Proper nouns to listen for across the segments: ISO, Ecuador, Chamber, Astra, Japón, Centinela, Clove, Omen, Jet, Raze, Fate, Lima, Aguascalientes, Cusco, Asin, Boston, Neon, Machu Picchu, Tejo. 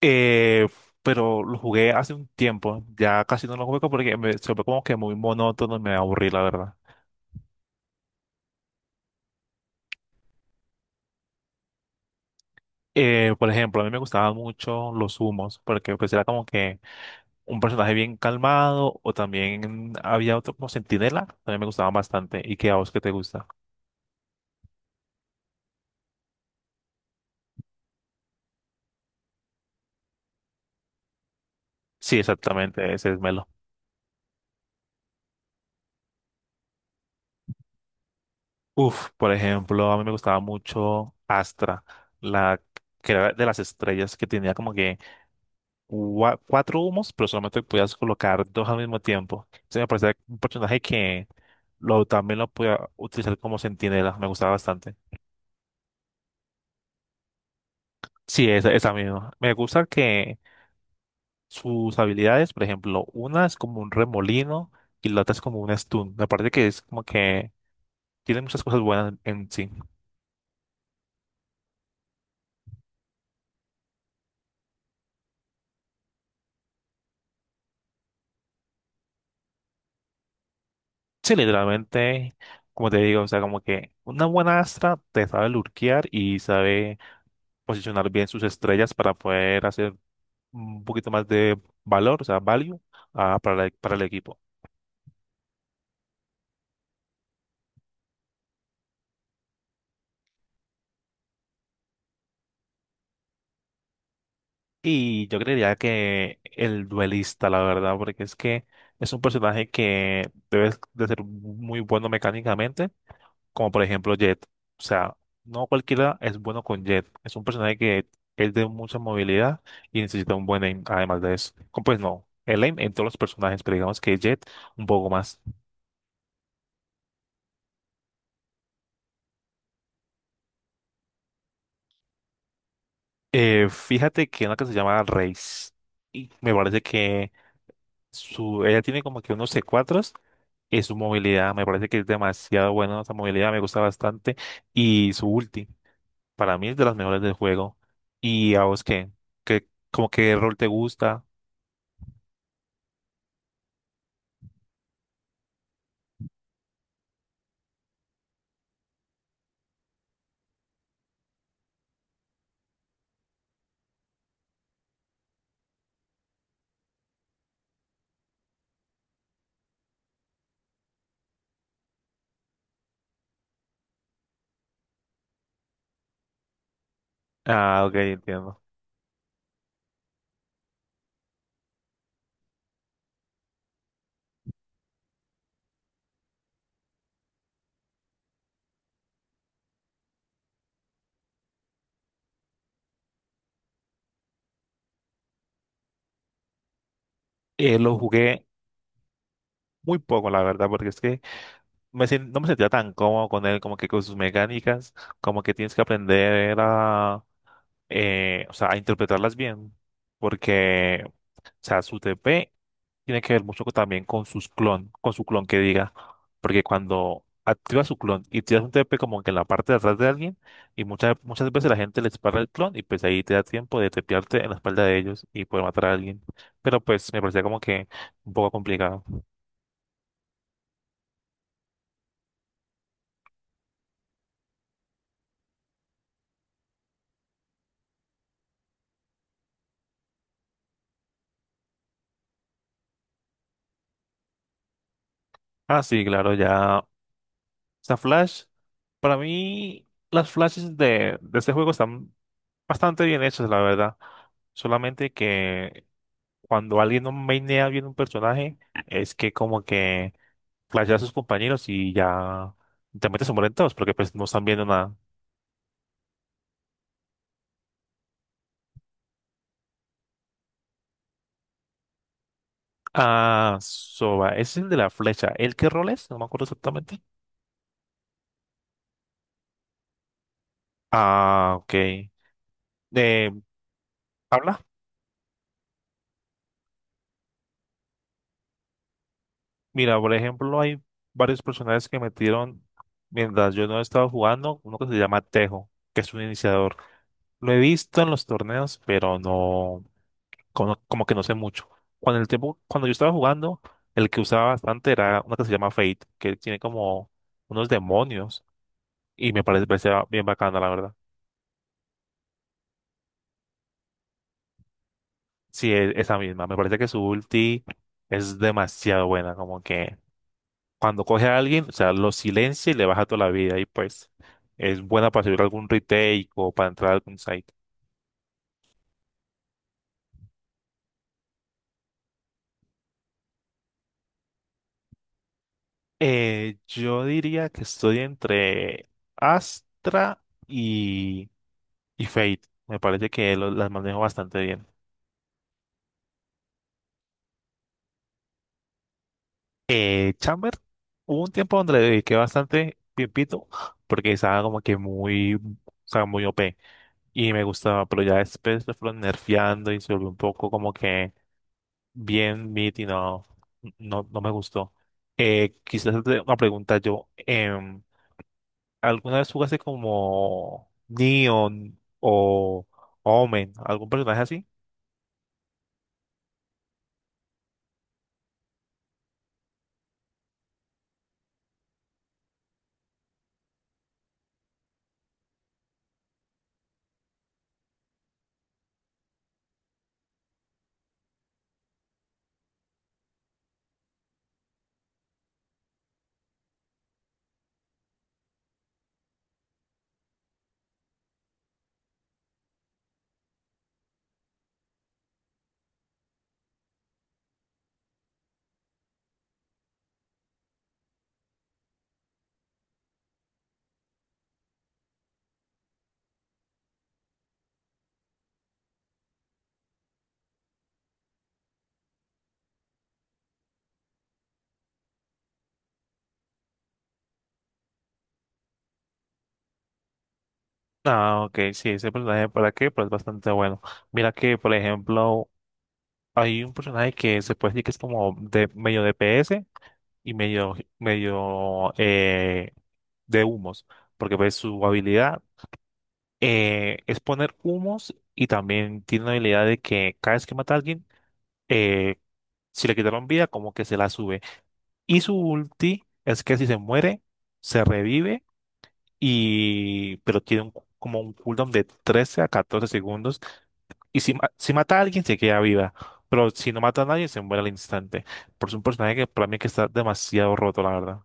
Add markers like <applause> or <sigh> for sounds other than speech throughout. Eh, pero lo jugué hace un tiempo, ya casi no lo juego porque me, se ve como que muy monótono y me aburrí, la verdad. Por ejemplo, a mí me gustaban mucho los humos, porque pues era como que un personaje bien calmado, o también había otro como Centinela, también me gustaban bastante. ¿Y qué a vos que te gusta? Sí, exactamente, ese es Melo. Uf, por ejemplo, a mí me gustaba mucho Astra, la que era de las estrellas que tenía como que cuatro humos, pero solamente podías colocar dos al mismo tiempo. Entonces me parecía un personaje que también lo podía utilizar como centinela, me gustaba bastante. Sí, esa misma. Me gusta que sus habilidades, por ejemplo, una es como un remolino y la otra es como un stun. Me parece que es como que tiene muchas cosas buenas en sí. Sí, literalmente, como te digo, o sea, como que una buena Astra te sabe lurkear y sabe posicionar bien sus estrellas para poder hacer un poquito más de valor, o sea, value, para el equipo. Y yo creería que el duelista, la verdad, porque es que es un personaje que debe de ser muy bueno mecánicamente, como por ejemplo Jet. O sea, no cualquiera es bueno con Jet. Es un personaje que es de mucha movilidad y necesita un buen aim, además de eso. Como, pues no, el aim en todos los personajes, pero digamos que Jet un poco más. Fíjate que una que se llama Raze. Y me parece que ella tiene como que unos c 4, y su movilidad me parece que es demasiado buena, esa movilidad me gusta bastante, y su ulti para mí es de las mejores del juego. ¿Y a vos qué? ¿Qué como qué rol te gusta? Ah, ok, entiendo. Lo jugué muy poco, la verdad, porque es que no me sentía tan cómodo con él, como que con sus mecánicas, como que tienes que aprender a, o sea, a interpretarlas bien, porque, o sea, su TP tiene que ver mucho también con sus clon, con su clon que diga, porque cuando activa su clon y tiras un TP como que en la parte de atrás de alguien, y muchas veces la gente le dispara el clon y pues ahí te da tiempo de tepearte en la espalda de ellos y poder matar a alguien, pero pues me parecía como que un poco complicado. Ah, sí, claro, ya. Sea, Flash, para mí las flashes de este juego están bastante bien hechas, la verdad. Solamente que cuando alguien no mainea bien un personaje, es que como que flashea a sus compañeros y ya te metes a morir todos, porque pues no están viendo nada. Ah, Soba, ese es el de la flecha. ¿El qué rol es? No me acuerdo exactamente. Ah, ok. Eh, ¿Habla? Mira, por ejemplo, hay varios personajes que metieron mientras yo no estaba jugando, uno que se llama Tejo, que es un iniciador. Lo he visto en los torneos, pero no, como que no sé mucho. Cuando yo estaba jugando, el que usaba bastante era uno que se llama Fate, que tiene como unos demonios, y me parecía bien bacana, la verdad. Sí, esa misma. Me parece que su ulti es demasiado buena, como que cuando coge a alguien, o sea, lo silencia y le baja toda la vida. Y pues es buena para subir algún retake o para entrar a algún site. Yo diría que estoy entre Astra y, y Fate. Me parece que las manejo bastante bien. Chamber, hubo un tiempo donde le dediqué bastante tiempito porque estaba como que muy, o sea, muy OP y me gustaba, pero ya después lo fueron nerfeando y se volvió un poco como que bien, Meet y no, no me gustó. Quizás hacerte una pregunta yo. em, ¿Alguna vez jugaste como Neon o Omen? ¿Algún personaje así? Ah, ok, sí, ese personaje, ¿para qué? Pero es bastante bueno. Mira que, por ejemplo, hay un personaje que se puede decir que es como de medio DPS y medio de humos, porque pues su habilidad es poner humos y también tiene la habilidad de que cada vez que mata a alguien, eh, si le quitaron vida, como que se la sube. Y su ulti es que si se muere, se revive y pero como un cooldown de 13 a 14 segundos. Y si mata a alguien, se queda viva. Pero si no mata a nadie, se muere al instante. Por es un personaje que para mí que está demasiado roto, la verdad.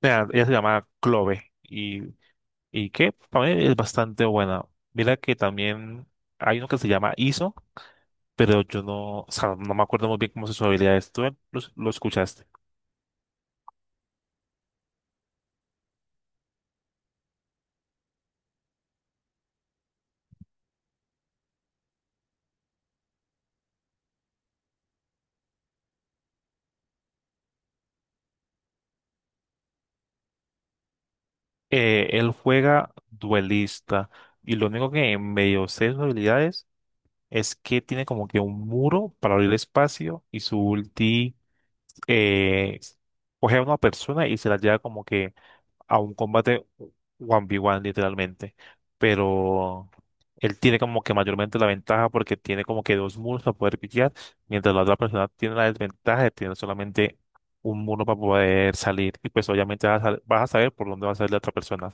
Mira, ella se llama Clove y que para mí es bastante buena. Mira que también hay uno que se llama ISO, pero yo no, o sea, no me acuerdo muy bien cómo son sus habilidades. ¿Tú lo escuchaste? Él juega duelista y lo único que medio sé de sus habilidades es que tiene como que un muro para abrir espacio y su ulti eh, coge a una persona y se la lleva como que a un combate 1v1 literalmente, pero él tiene como que mayormente la ventaja porque tiene como que dos muros para poder pillar, mientras la otra persona tiene la desventaja de tener solamente un muro para poder salir y pues obviamente vas a saber por dónde va a salir la otra persona.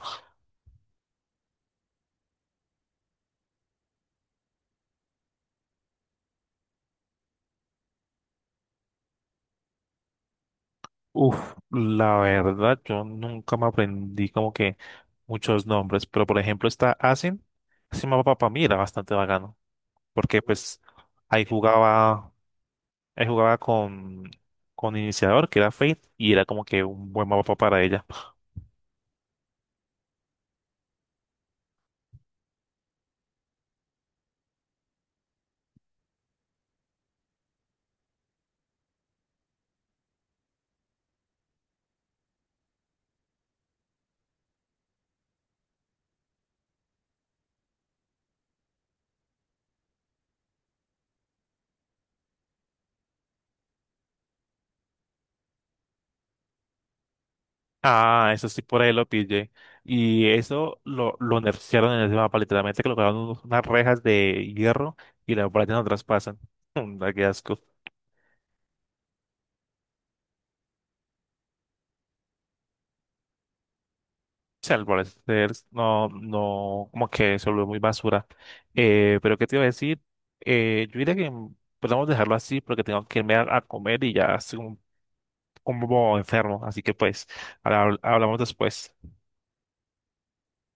Uf, la verdad yo nunca me aprendí como que muchos nombres, pero por ejemplo está Asin, ese mapa para mí era bastante bacano porque pues ahí jugaba. Él jugaba con iniciador, que era Fate, y era como que un buen mapa para ella. Ah, eso sí, por ahí lo pillé. Y eso lo nerfearon en ese mapa, literalmente colocaron unas rejas de hierro y las paredes no traspasan. <laughs> Da qué asco. O sea, al parecer, no, como que se volvió muy basura. Pero ¿qué te iba a decir? Yo diría que podemos dejarlo así porque tengo que irme a comer y ya hace un como enfermo, así que pues hablamos después.